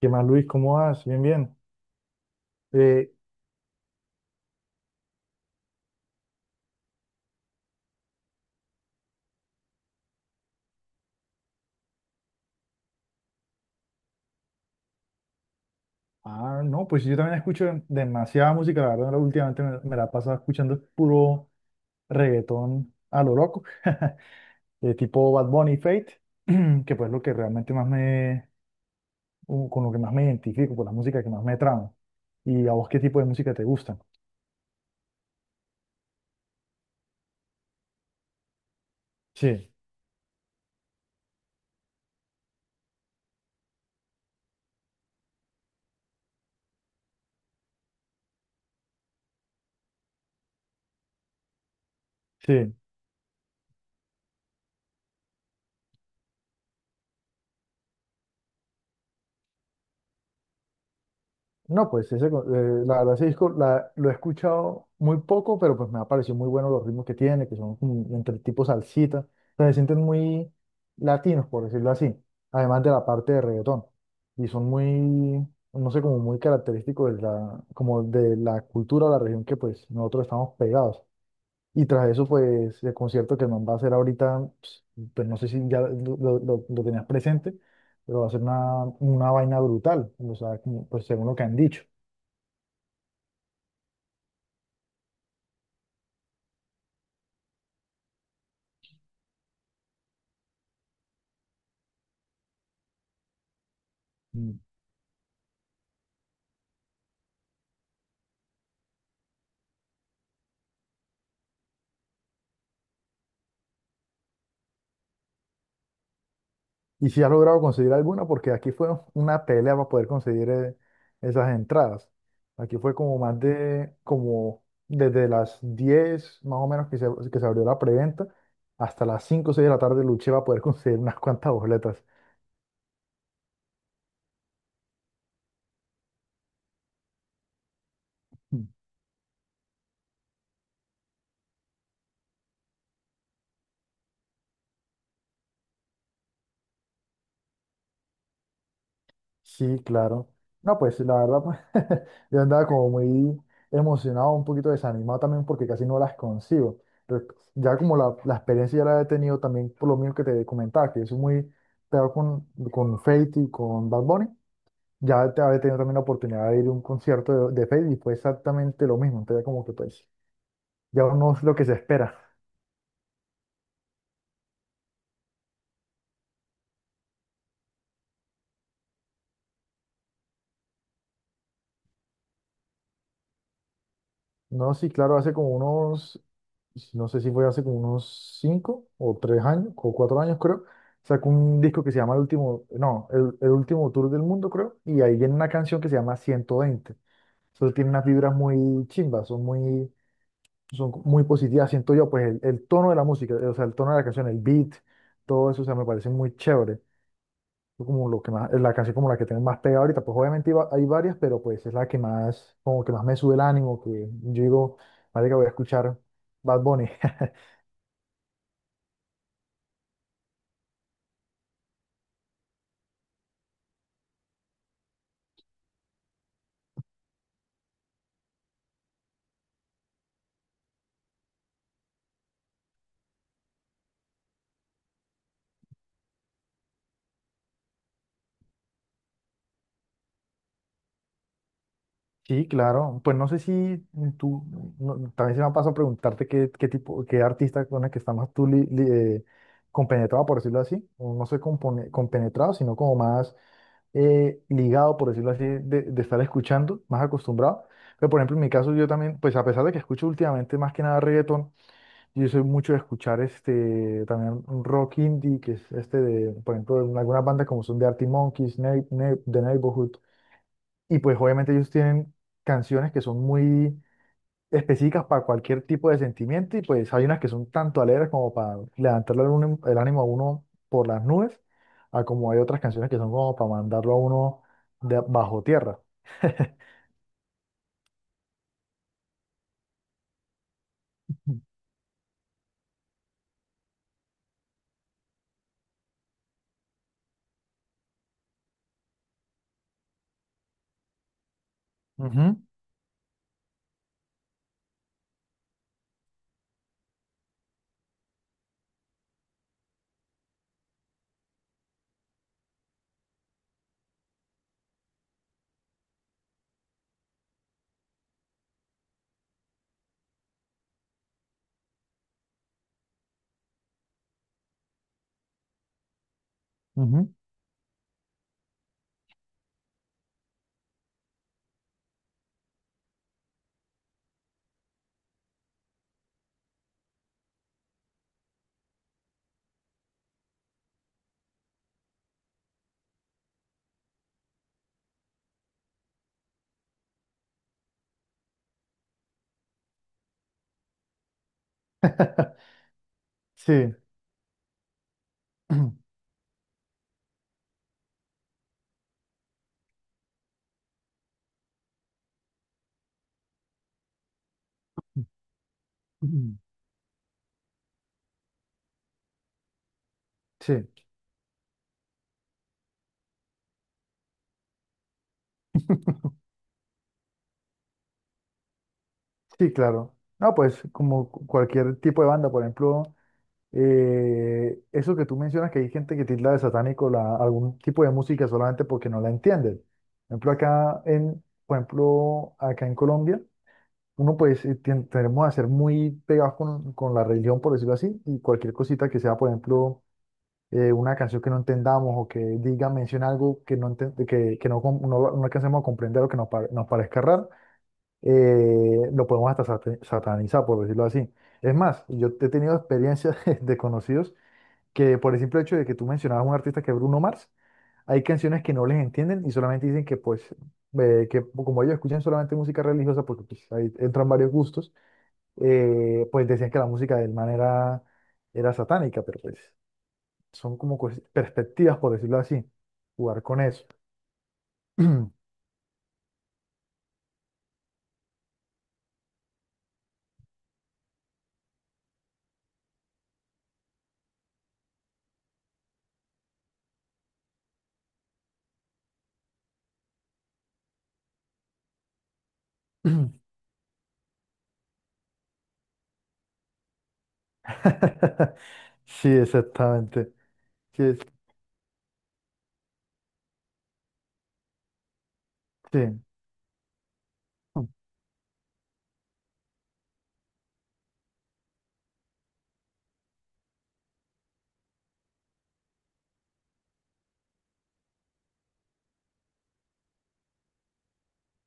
¿Qué más, Luis? ¿Cómo vas? Bien, bien. Eh, no, pues yo también escucho demasiada música, la verdad, últimamente me la he pasado escuchando puro reggaetón a lo loco, tipo Bad Bunny Fate, que pues lo que realmente más con lo que más me identifico, con la música que más me trama. ¿Y a vos qué tipo de música te gusta? Sí, sí. No, pues la verdad ese disco lo he escuchado muy poco, pero pues me ha parecido muy bueno los ritmos que tiene, que son como entre tipo salsita, o sea, se sienten muy latinos, por decirlo así, además de la parte de reggaetón, y son muy, no sé, como muy característicos de la, como de la cultura o la región que pues nosotros estamos pegados. Y tras eso, pues el concierto que el man va a hacer ahorita, pues, pues, no sé si ya lo tenías presente, pero va a ser una vaina brutal, o sea, como, pues según lo que han dicho. Mm. Y si has logrado conseguir alguna, porque aquí fue una pelea para poder conseguir esas entradas. Aquí fue como más de, como desde las 10 más o menos que se abrió la preventa, hasta las 5 o 6 de la tarde luché para poder conseguir unas cuantas boletas. Mm. Sí, claro. No, pues la verdad, pues yo andaba como muy emocionado, un poquito desanimado también porque casi no las consigo. Pero ya como la experiencia ya la he tenido también por lo mismo que te comentaba, que soy muy pegado con Feid y con Bad Bunny, ya te había tenido también la oportunidad de ir a un concierto de Feid y fue exactamente lo mismo. Entonces ya como que pues ya uno es lo que se espera. No, sí, claro, hace como unos, no sé si fue hace como unos 5 o 3 años, o 4 años creo, sacó un disco que se llama El Último, no, El Último Tour del Mundo creo, y ahí viene una canción que se llama 120. Entonces tiene unas vibras muy chimbas, son muy positivas, siento yo, el tono de la música, o sea, el tono de la canción, el beat, todo eso, o sea, me parece muy chévere. Fue como lo que más, es la canción como la que tengo más pegada ahorita, pues obviamente iba- hay varias, pero pues es la que más, como que más me sube el ánimo, que yo digo, vale que voy a escuchar Bad Bunny. Sí, claro, pues no sé si tú, no- también se me ha pasado a preguntarte qué artista con el que estás más tú eh, compenetrado, por decirlo así, o no sé, compenetrado, sino como más ligado, por decirlo así, de estar escuchando, más acostumbrado. Pero por ejemplo, en mi caso yo también, pues a pesar de que escucho últimamente más que nada reggaetón, yo soy mucho de escuchar este también un rock indie, que es este de, por ejemplo, de algunas bandas como son de Arctic Monkeys, The Neighborhood. Y pues obviamente ellos tienen canciones que son muy específicas para cualquier tipo de sentimiento y pues hay unas que son tanto alegres como para levantarle el ánimo a uno por las nubes, a como hay otras canciones que son como para mandarlo a uno de bajo tierra. Ujú, ujú. Sí. Sí. Sí, claro. No, pues como cualquier tipo de banda, por ejemplo, eso que tú mencionas, que hay gente que tilda de satánico la, algún tipo de música solamente porque no la entienden. Por ejemplo, por ejemplo, acá en Colombia, uno pues tenemos a ser muy pegados con la religión, por decirlo así, y cualquier cosita que sea, por ejemplo, una canción que no entendamos o que diga, menciona algo que no, no, no alcancemos a comprender o que nos, nos parezca raro, lo podemos hasta satanizar, por decirlo así. Es más, yo he tenido experiencias de conocidos que por el simple hecho de que tú mencionabas un artista que es Bruno Mars, hay canciones que no les entienden y solamente dicen que pues, que como ellos escuchan solamente música religiosa, porque pues, ahí entran varios gustos, pues decían que la música del man era, era satánica, pero pues son como perspectivas, por decirlo así, jugar con eso. Sí, exactamente. Sí, sí.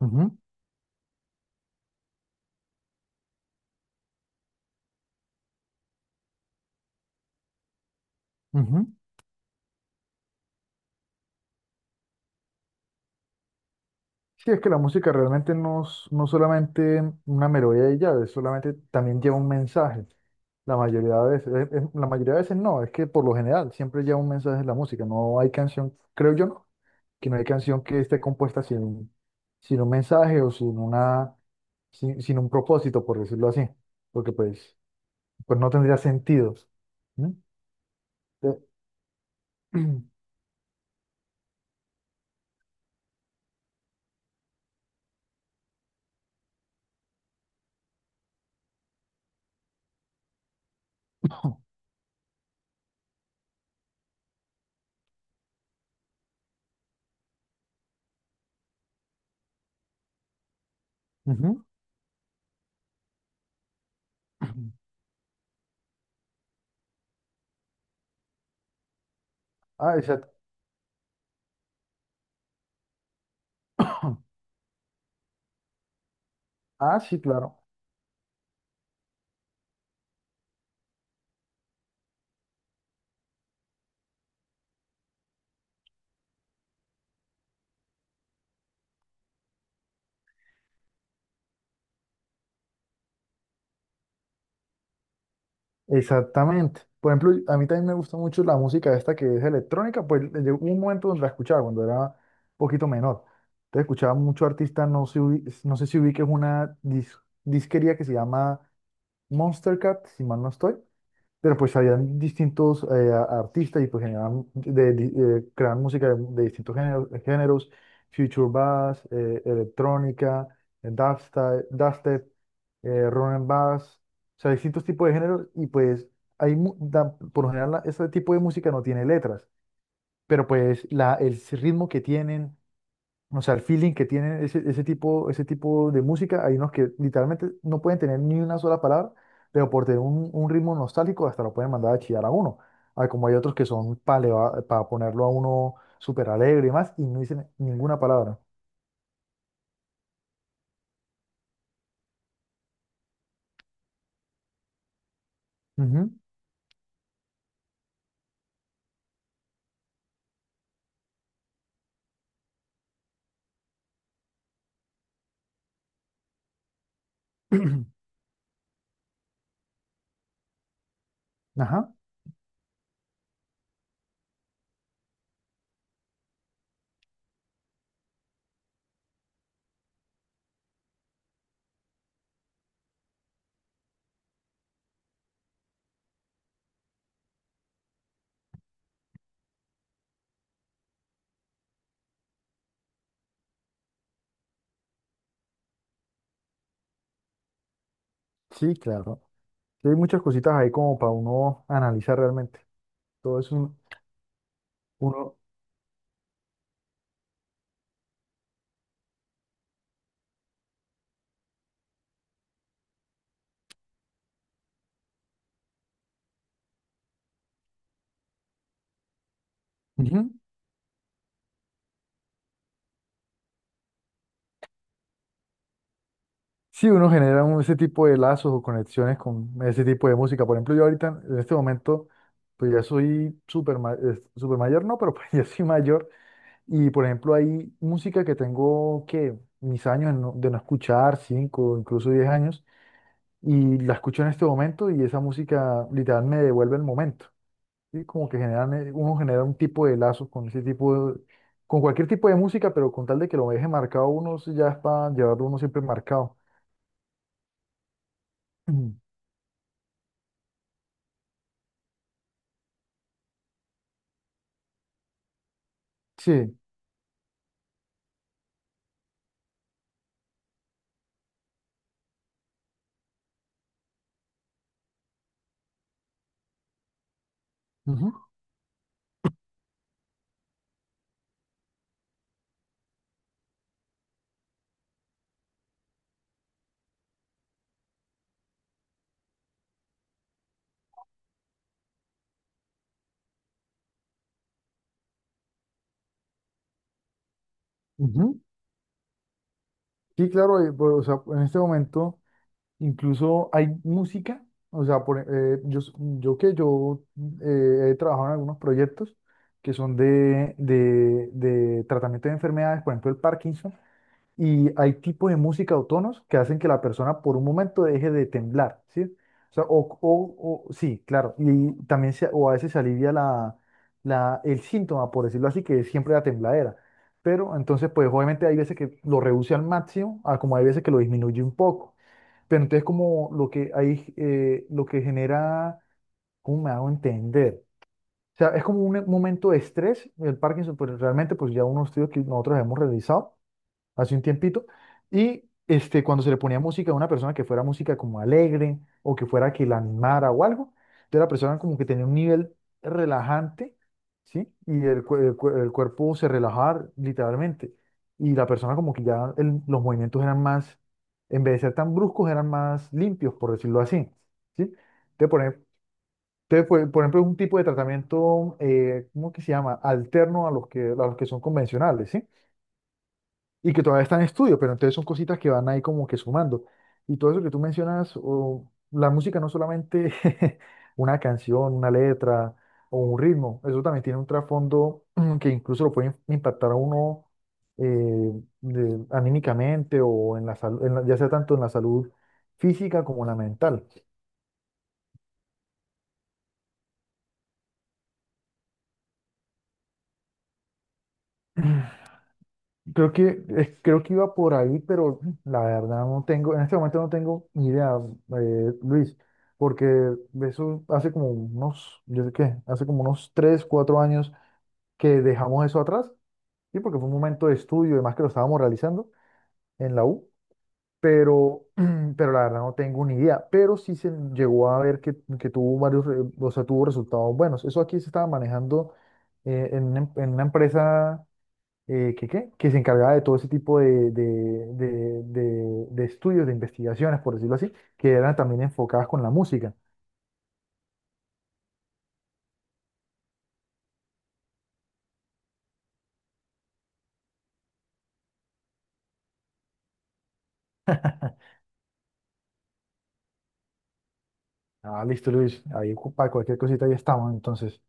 Ujú, ujú. Sí, es que la música realmente no, es- no solamente una melodía y ya, es solamente también lleva un mensaje. La mayoría de veces, la mayoría de veces no, es que por lo general siempre lleva un mensaje en la música. No hay canción, creo yo, no, que no hay canción que esté compuesta sin un mensaje o sin una, sin un propósito, por decirlo así, porque pues, pues no tendría sentido. ¿Mm? Eh, ujú. Ah, exacto. Ah, sí, claro. Exactamente. Por ejemplo, a mí también me gusta mucho la música esta que es electrónica, pues llegó un momento donde la escuchaba cuando era un poquito menor. Entonces escuchaba mucho artista, no sé, no sé si ubiques una disquería que se llama Monster Cat, si mal no estoy. Pero pues habían distintos artistas y pues creaban música de distintos géneros, Future Bass, electrónica, dubstep, run and bass, o sea, distintos tipos de géneros y pues hay, por lo general ese tipo de música no tiene letras, pero pues la, el ritmo que tienen, o sea, el feeling que tienen ese tipo de música, hay unos que literalmente no pueden tener ni una sola palabra, pero por tener un ritmo nostálgico hasta lo pueden mandar a chillar a uno. Ah, como hay otros que son para ponerlo a uno súper alegre y más, y no dicen ninguna palabra. Ujú. Ajá, sí, claro. Sí, hay muchas cositas ahí como para uno analizar realmente. Todo es un, uno. Ujú. Sí, uno genera un- ese tipo de lazos o conexiones con ese tipo de música. Por ejemplo, yo ahorita, en este momento, pues ya soy súper mayor, no, pero pues ya soy mayor. Y por ejemplo, hay música que tengo que mis años de no escuchar, 5 incluso 10 años, y la escucho en este momento y esa música literal me devuelve el momento. ¿Sí? Como que generan, uno genera un tipo de lazos con ese tipo de- con cualquier tipo de música, pero con tal de que lo deje marcado uno, sí, ya es para llevarlo uno siempre marcado. Sí. Ujú, ujú. Sí, claro, pues, o sea, en este momento incluso hay música, o sea, por, yo que yo he trabajado en algunos proyectos que son de tratamiento de enfermedades, por ejemplo, el Parkinson, y hay tipos de música o tonos que hacen que la persona por un momento deje de temblar, ¿sí? O sea, sí, claro. Y también o a veces se alivia el síntoma, por decirlo así, que es siempre la tembladera. Pero entonces, pues obviamente hay veces que lo reduce al máximo, a como hay veces que lo disminuye un poco. Pero entonces como lo que hay, lo que genera, ¿cómo me hago entender? O sea, es como un momento de estrés, el Parkinson, pues realmente, pues ya unos estudios que nosotros hemos realizado hace un tiempito, y este, cuando se le ponía música a una persona que fuera música como alegre o que fuera que la animara o algo, entonces la persona como que tenía un nivel relajante, ¿sí? Y el, el cuerpo se relajaba literalmente, y la persona como que ya los movimientos eran más, en vez de ser tan bruscos, eran más limpios, por decirlo así, ¿sí? Entonces, por ejemplo, es un tipo de tratamiento, ¿cómo que se llama? Alterno a los que son convencionales, ¿sí? Y que todavía está en estudio, pero entonces son cositas que van ahí como que sumando. Y todo eso que tú mencionas, o la música no solamente una canción, una letra o un ritmo, eso también tiene un trasfondo que incluso lo puede impactar a uno, eh, de- anímicamente o en la salud, ya sea tanto en la salud física como en la mental. Creo que iba por ahí, pero la verdad no tengo, en este momento no tengo ni idea, Luis, porque eso hace como unos, yo sé qué, hace como unos 3, 4 años que dejamos eso atrás, sí, porque fue un momento de estudio, y además que lo estábamos realizando en la U, pero, pero la verdad no tengo ni idea, pero sí se llegó a ver que tuvo varios, o sea, tuvo resultados buenos. Eso aquí se estaba manejando en una en una empresa, que, ¿qué? Que se encargaba de todo ese tipo de- estudios, de investigaciones, por decirlo así, que eran también enfocadas con la música. Ah, listo, Luis, ahí para cualquier cosita ahí estamos, entonces.